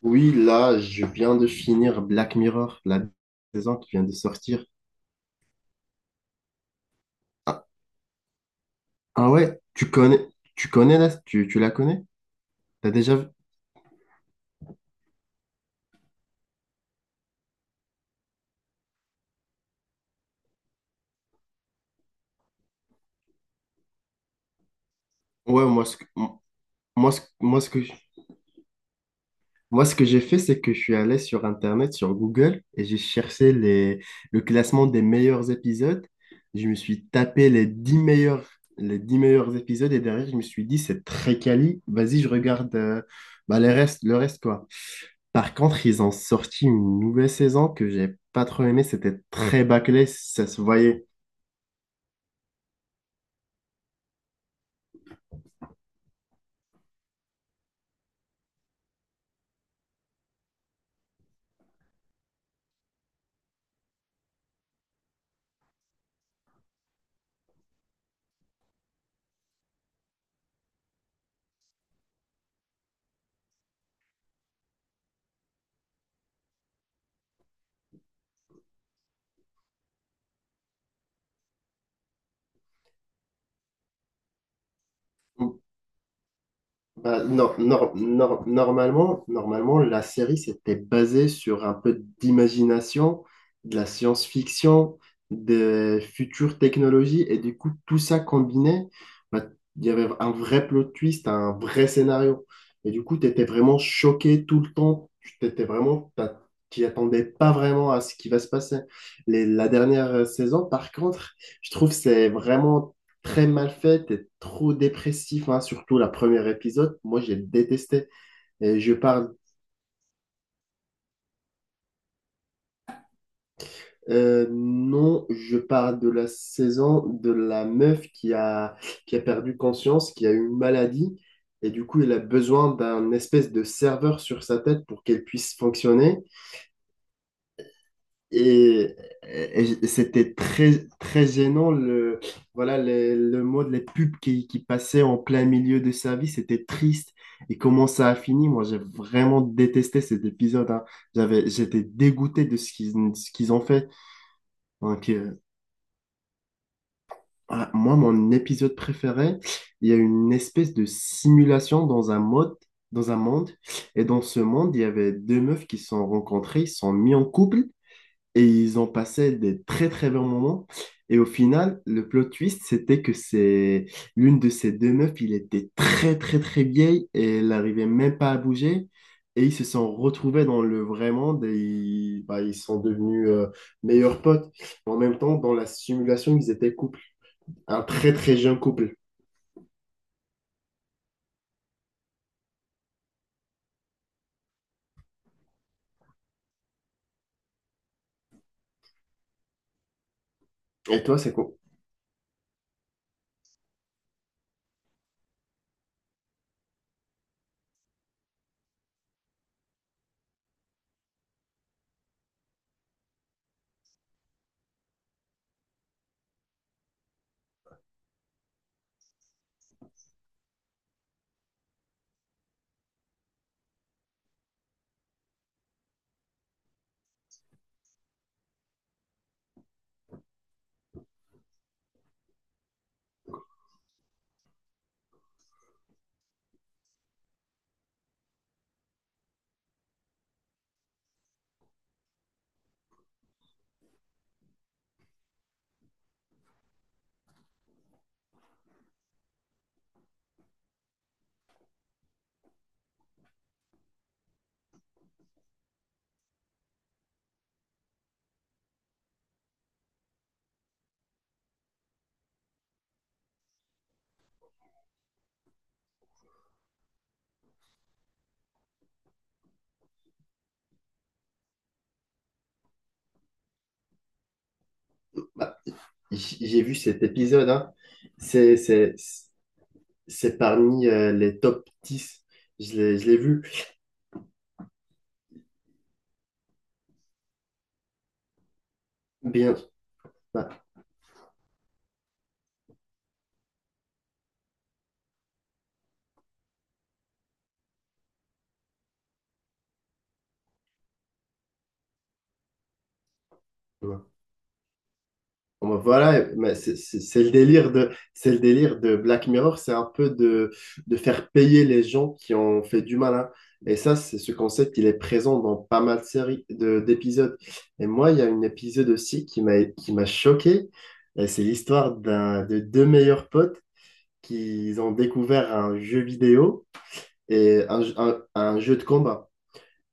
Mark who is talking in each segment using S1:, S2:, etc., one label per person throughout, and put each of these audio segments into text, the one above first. S1: Oui, là, je viens de finir Black Mirror, la saison qui vient de sortir. Ah, ah ouais, tu connais, tu la connais? T'as déjà vu? Ouais, moi, ce que, moi, ce que, Moi, ce que j'ai fait, c'est que je suis allé sur Internet, sur Google, et j'ai cherché le classement des meilleurs épisodes. Je me suis tapé les 10 meilleurs épisodes, et derrière, je me suis dit, c'est très quali. Vas-y, je regarde bah, le reste, quoi. Par contre, ils ont sorti une nouvelle saison que j'ai pas trop aimée. C'était très bâclé, ça se voyait. Normalement, la série s'était basée sur un peu d'imagination, de la science-fiction, des futures technologies, et du coup, tout ça combiné, bah, il y avait un vrai plot twist, un vrai scénario. Et du coup, tu étais vraiment choqué tout le temps. Tu t'étais vraiment, t'as- T'y attendais pas vraiment à ce qui va se passer. La dernière saison, par contre, je trouve que c'est vraiment très mal faite et trop dépressif, hein, surtout la première épisode. Moi, j'ai détesté. Et je parle, non, je parle de la saison de la meuf qui a perdu conscience, qui a eu une maladie. Et du coup, elle a besoin d'un espèce de serveur sur sa tête pour qu'elle puisse fonctionner. Et, et c'était très, très gênant, le mode, les pubs qui passaient en plein milieu de sa vie, c'était triste. Et comment ça a fini? Moi, j'ai vraiment détesté cet épisode, hein. J'étais dégoûté de ce qu'ils ont fait. Donc, voilà, moi, mon épisode préféré, il y a une espèce de simulation dans un monde. Et dans ce monde, il y avait deux meufs qui se sont rencontrées, ils se sont mis en couple. Et ils ont passé des très très bons moments. Et au final, le plot twist, c'était que c'est l'une de ces deux meufs, il était très très très vieille et elle n'arrivait même pas à bouger. Et ils se sont retrouvés dans le vrai monde et ils, bah, ils sont devenus meilleurs potes. En même temps, dans la simulation, ils étaient couple, un très très jeune couple. Et toi, c'est quoi? Bah, j'ai vu cet épisode, hein. C'est, c'est, c'est parmi les top dix. Je l'ai vu. Bien, bah, ouais. Bon, ben voilà, mais c'est le délire c'est le délire de Black Mirror, c'est un peu de faire payer les gens qui ont fait du mal, hein. Et ça, c'est ce concept, il est présent dans pas mal de séries, d'épisodes. Et moi, il y a un épisode aussi qui m'a choqué. Et c'est l'histoire de deux meilleurs potes qui ont découvert un jeu vidéo et un jeu de combat.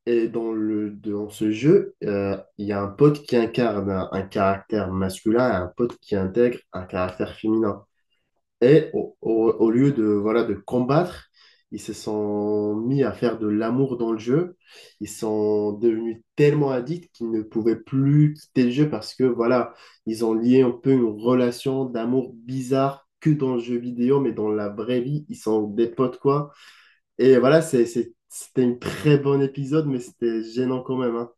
S1: Et dans dans ce jeu, il y a un pote qui incarne un caractère masculin et un pote qui intègre un caractère féminin. Et au lieu de, voilà, de combattre, ils se sont mis à faire de l'amour dans le jeu. Ils sont devenus tellement addicts qu'ils ne pouvaient plus quitter le jeu parce que, voilà, ils ont lié un peu une relation d'amour bizarre que dans le jeu vidéo, mais dans la vraie vie, ils sont des potes, quoi. Et voilà, c'était un très bon épisode, mais c'était gênant quand même, hein.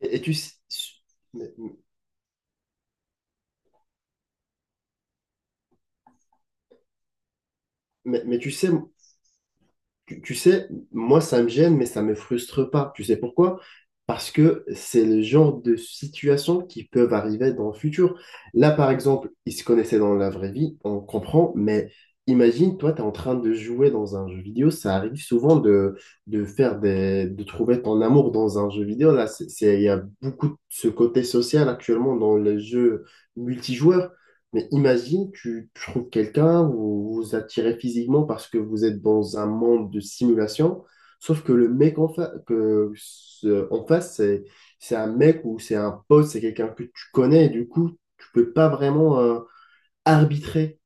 S1: Et tu, s- mais, mais tu sais, Tu sais, moi, ça me gêne, mais ça me frustre pas. Tu sais pourquoi? Parce que c'est le genre de situation qui peuvent arriver dans le futur. Là, par exemple, ils se connaissaient dans la vraie vie, on comprend, mais imagine, toi, tu es en train de jouer dans un jeu vidéo. Ça arrive souvent de faire de trouver ton amour dans un jeu vidéo. Là, il y a beaucoup de ce côté social actuellement dans les jeux multijoueurs. Mais imagine, tu trouves quelqu'un, vous vous attirez physiquement parce que vous êtes dans un monde de simulation, sauf que le mec en, fa- que, ce- en face, c'est un mec ou c'est un pote, c'est quelqu'un que tu connais, et du coup, tu peux pas vraiment arbitrer.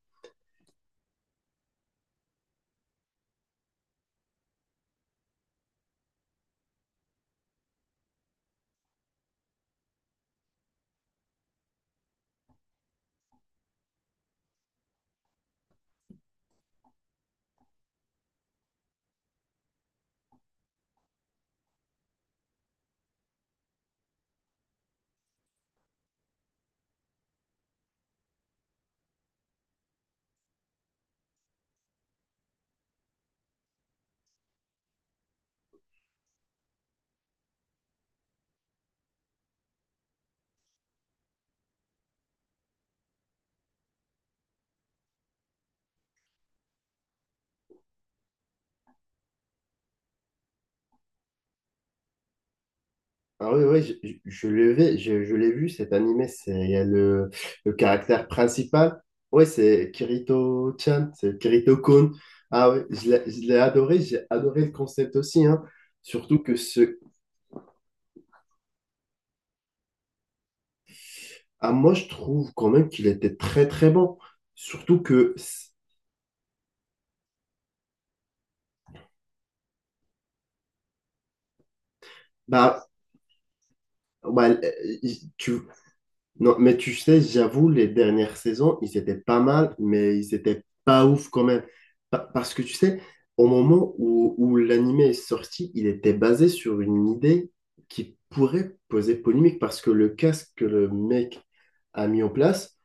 S1: Ah oui, oui, je l'ai vu, je l'ai vu cet animé, c'est il y a le caractère principal. Oui, c'est Kirito-chan, c'est Kirito-kun. Ah oui, je l'ai adoré, j'ai adoré le concept aussi, hein. Surtout que ce... Ah, moi, je trouve quand même qu'il était très très bon. Surtout que, bah, bah, euh, tu, non, mais tu sais, j'avoue, les dernières saisons, ils étaient pas mal, mais ils étaient pas ouf quand même. Parce que tu sais, au moment où l'anime est sorti, il était basé sur une idée qui pourrait poser polémique parce que le casque que le mec a mis en place,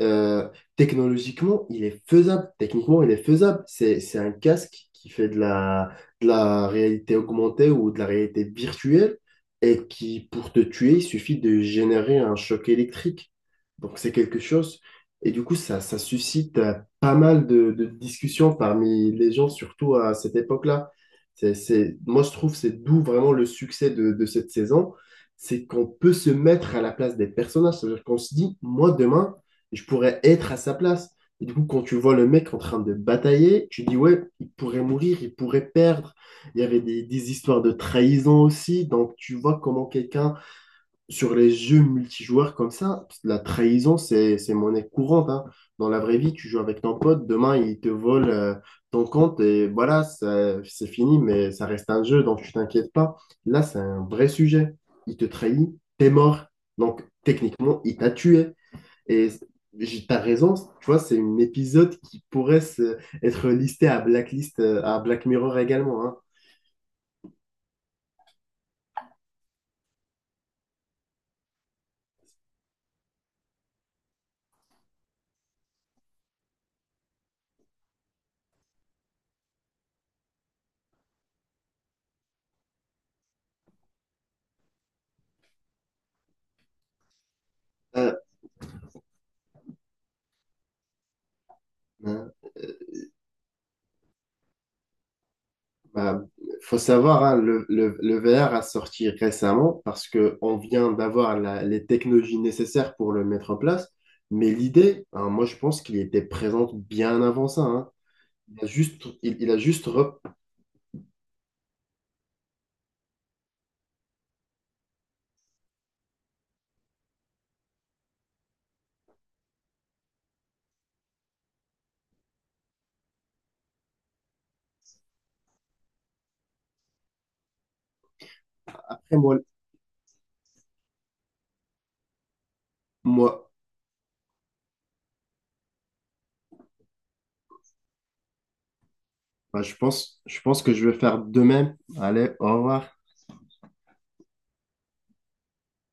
S1: Euh, technologiquement, il est faisable. Techniquement, il est faisable. C'est un casque qui fait de la réalité augmentée ou de la réalité virtuelle et qui, pour te tuer, il suffit de générer un choc électrique. Donc, c'est quelque chose. Et du coup, ça suscite pas mal de discussions parmi les gens, surtout à cette époque-là. Moi, je trouve, c'est d'où vraiment le succès de cette saison. C'est qu'on peut se mettre à la place des personnages. C'est-à-dire qu'on se dit, moi, demain, je pourrais être à sa place. Et du coup, quand tu vois le mec en train de batailler, tu dis, ouais, il pourrait mourir, il pourrait perdre. Il y avait des histoires de trahison aussi. Donc, tu vois comment quelqu'un, sur les jeux multijoueurs comme ça, la trahison, c'est monnaie courante, hein. Dans la vraie vie, tu joues avec ton pote, demain, il te vole ton compte et voilà, c'est fini, mais ça reste un jeu, donc tu t'inquiètes pas. Là, c'est un vrai sujet. Il te trahit, t'es mort. Donc, techniquement, il t'a tué. Et t'as raison, tu vois, c'est un épisode qui pourrait être listé à Blacklist, à Black Mirror également, hein. Euh, hein, euh, bah, faut savoir, hein, le VR a sorti récemment parce que on vient d'avoir les technologies nécessaires pour le mettre en place. Mais l'idée, hein, moi, je pense qu'il était présente bien avant ça, hein. Il a juste après moi, bah, je pense que je vais faire de même. Allez, au revoir.